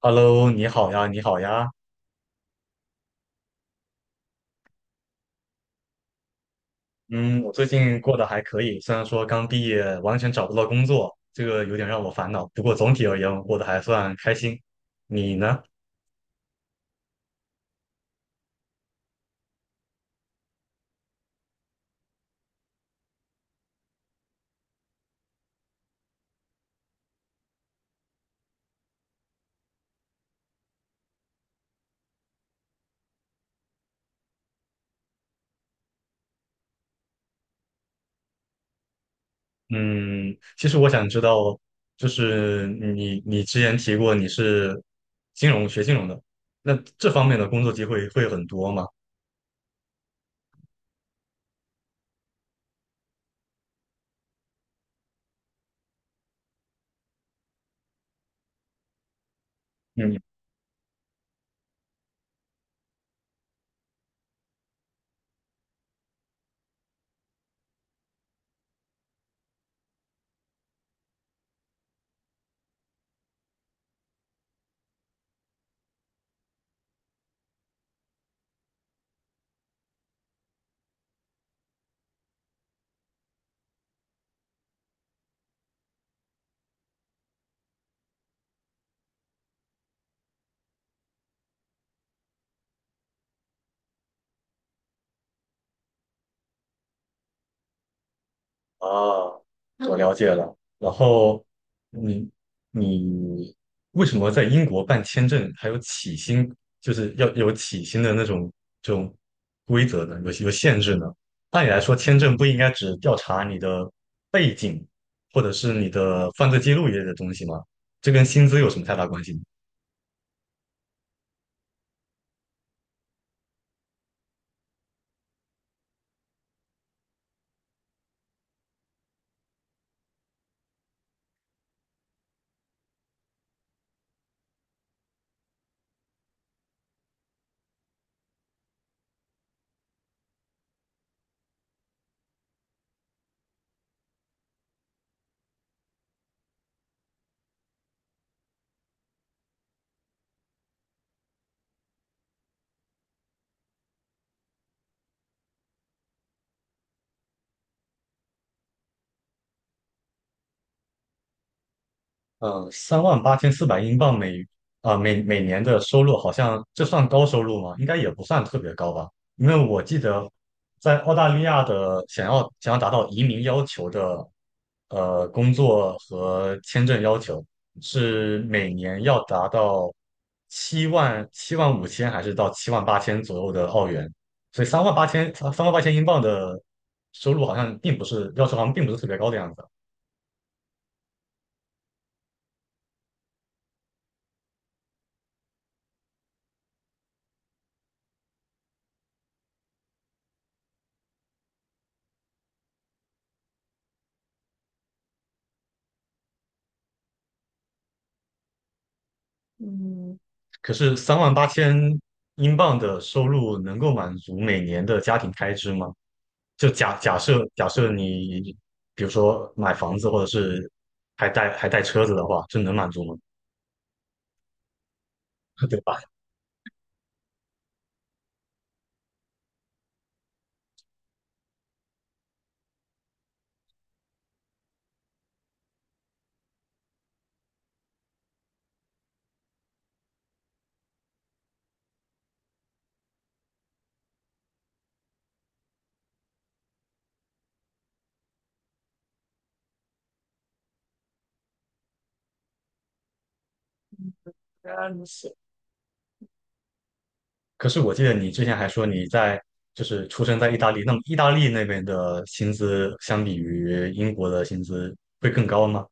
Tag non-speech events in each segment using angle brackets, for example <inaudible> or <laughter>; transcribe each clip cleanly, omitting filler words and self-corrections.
Hello，你好呀，你好呀。嗯，我最近过得还可以，虽然说刚毕业，完全找不到工作，这个有点让我烦恼。不过总体而言，我过得还算开心。你呢？嗯，其实我想知道，就是你之前提过你是学金融的，那这方面的工作机会会很多吗？嗯。啊，我了解了。然后你你为什么在英国办签证还有起薪，就是要有起薪的这种规则呢？有限制呢？按理来说，签证不应该只调查你的背景或者是你的犯罪记录一类的东西吗？这跟薪资有什么太大关系呢？38,400英镑每啊、每每年的收入，好像这算高收入吗？应该也不算特别高吧，因为我记得在澳大利亚的想要达到移民要求的工作和签证要求是每年要达到七万、七万五千还是到七万八千左右的澳元，所以三万八千英镑的收入好像并不是要求，好像并不是特别高的样子。嗯，可是三万八千英镑的收入能够满足每年的家庭开支吗？就假设你比如说买房子或者是还带车子的话，这能满足吗？<laughs> 对吧？原来如此。可是我记得你之前还说你就是出生在意大利，那么意大利那边的薪资相比于英国的薪资会更高吗？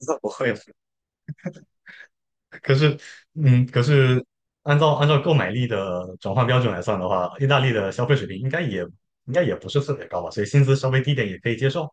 <laughs> 不会吧，可是，可是按照购买力的转换标准来算的话，意大利的消费水平应该也不是特别高吧，所以薪资稍微低点也可以接受。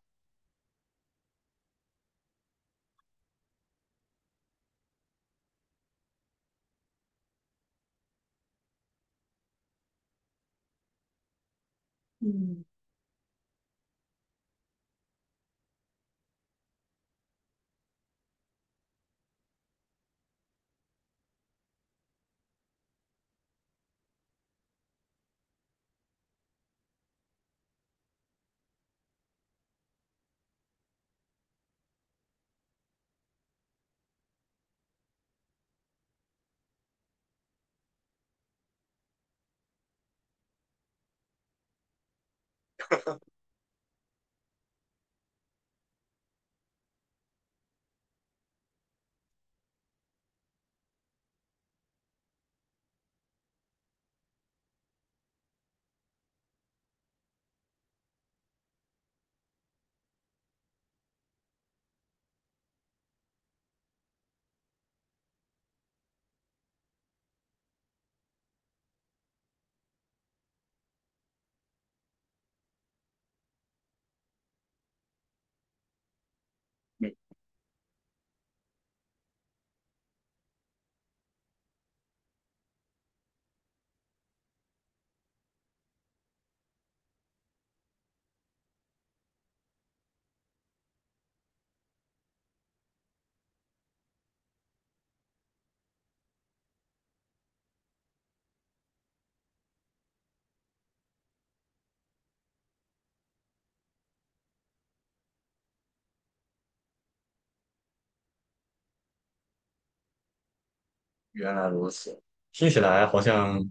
原来如此，听起来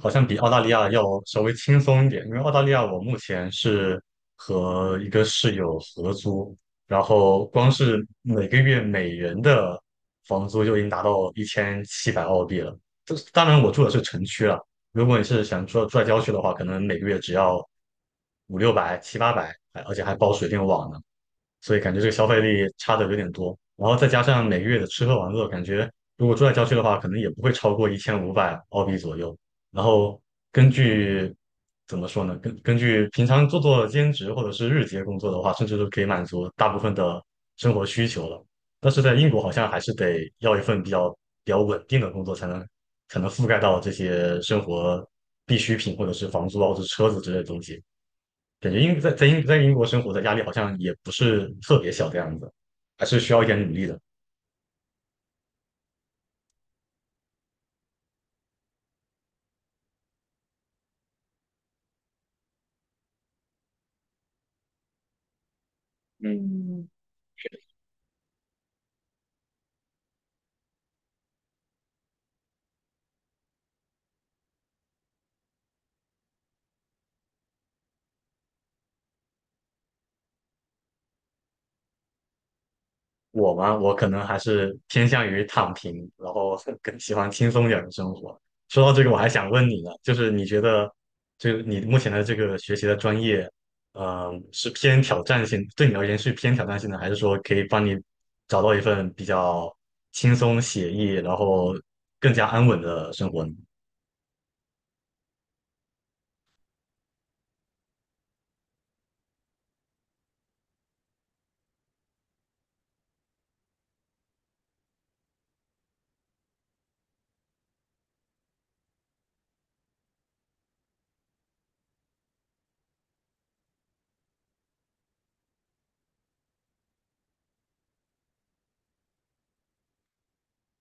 好像比澳大利亚要稍微轻松一点，因为澳大利亚我目前是和一个室友合租，然后光是每个月每人的房租就已经达到1,700澳币了。这当然我住的是城区了，如果你是想住在郊区的话，可能每个月只要五六百、七八百，而且还包水电网呢。所以感觉这个消费力差的有点多。然后再加上每个月的吃喝玩乐，感觉如果住在郊区的话，可能也不会超过1,500澳币左右。然后根据怎么说呢？根据平常做兼职或者是日结工作的话，甚至都可以满足大部分的生活需求了。但是在英国好像还是得要一份比较稳定的工作，才能覆盖到这些生活必需品或者是房租啊或者是车子之类的东西。感觉英在在英在英国生活的压力好像也不是特别小的样子，还是需要一点努力的。嗯。我嘛，我可能还是偏向于躺平，然后 <laughs> 更喜欢轻松一点的生活。说到这个，我还想问你呢，就是你觉得，就是你目前的这个学习的专业，嗯，是偏挑战性，对你而言是偏挑战性的，还是说可以帮你找到一份比较轻松写意，然后更加安稳的生活呢？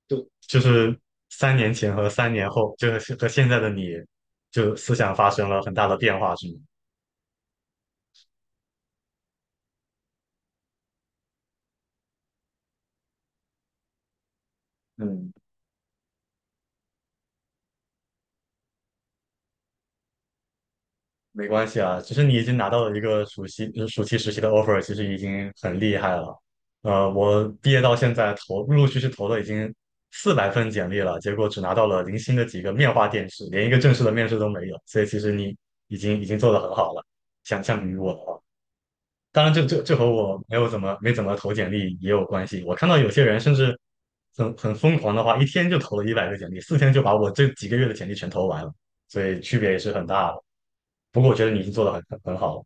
就是三年前和三年后，就是和现在的你，就思想发生了很大的变化，是吗？嗯，没关系啊，其实你已经拿到了一个暑期实习的 offer，其实已经很厉害了。我毕业到现在陆陆续续投了已经400份简历了，结果只拿到了零星的几个面化电视，连一个正式的面试都没有。所以其实你已经做得很好了，相比于我的话。当然这和我没怎么投简历也有关系。我看到有些人甚至很疯狂的话，一天就投了一百个简历，四天就把我这几个月的简历全投完了，所以区别也是很大的。不过我觉得你已经做的很好了，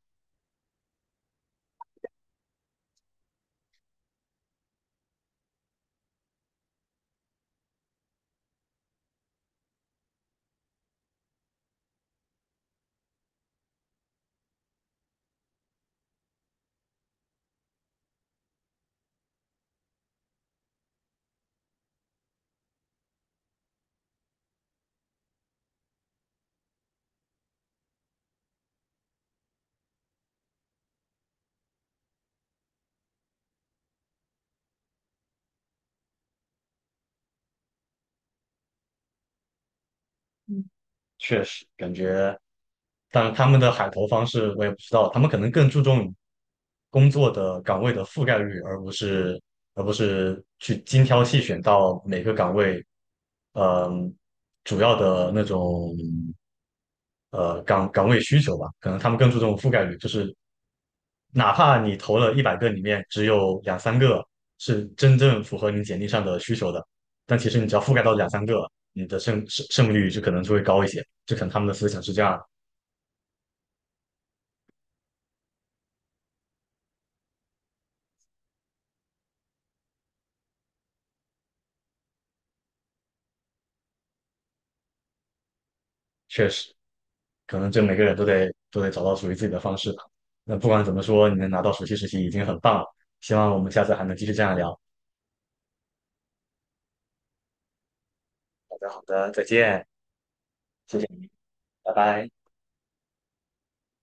嗯。确实感觉，但他们的海投方式我也不知道，他们可能更注重工作的岗位的覆盖率，而不是去精挑细选到每个岗位，嗯，主要的那种。岗位需求吧，可能他们更注重覆盖率，就是哪怕你投了一百个里面只有两三个是真正符合你简历上的需求的，但其实你只要覆盖到两三个，你的胜率就可能就会高一些。就可能他们的思想是这样，确实，可能这每个人都得找到属于自己的方式吧。那不管怎么说，你能拿到暑期实习已经很棒了。希望我们下次还能继续这样聊。好的，好的，再见，谢谢你，拜拜。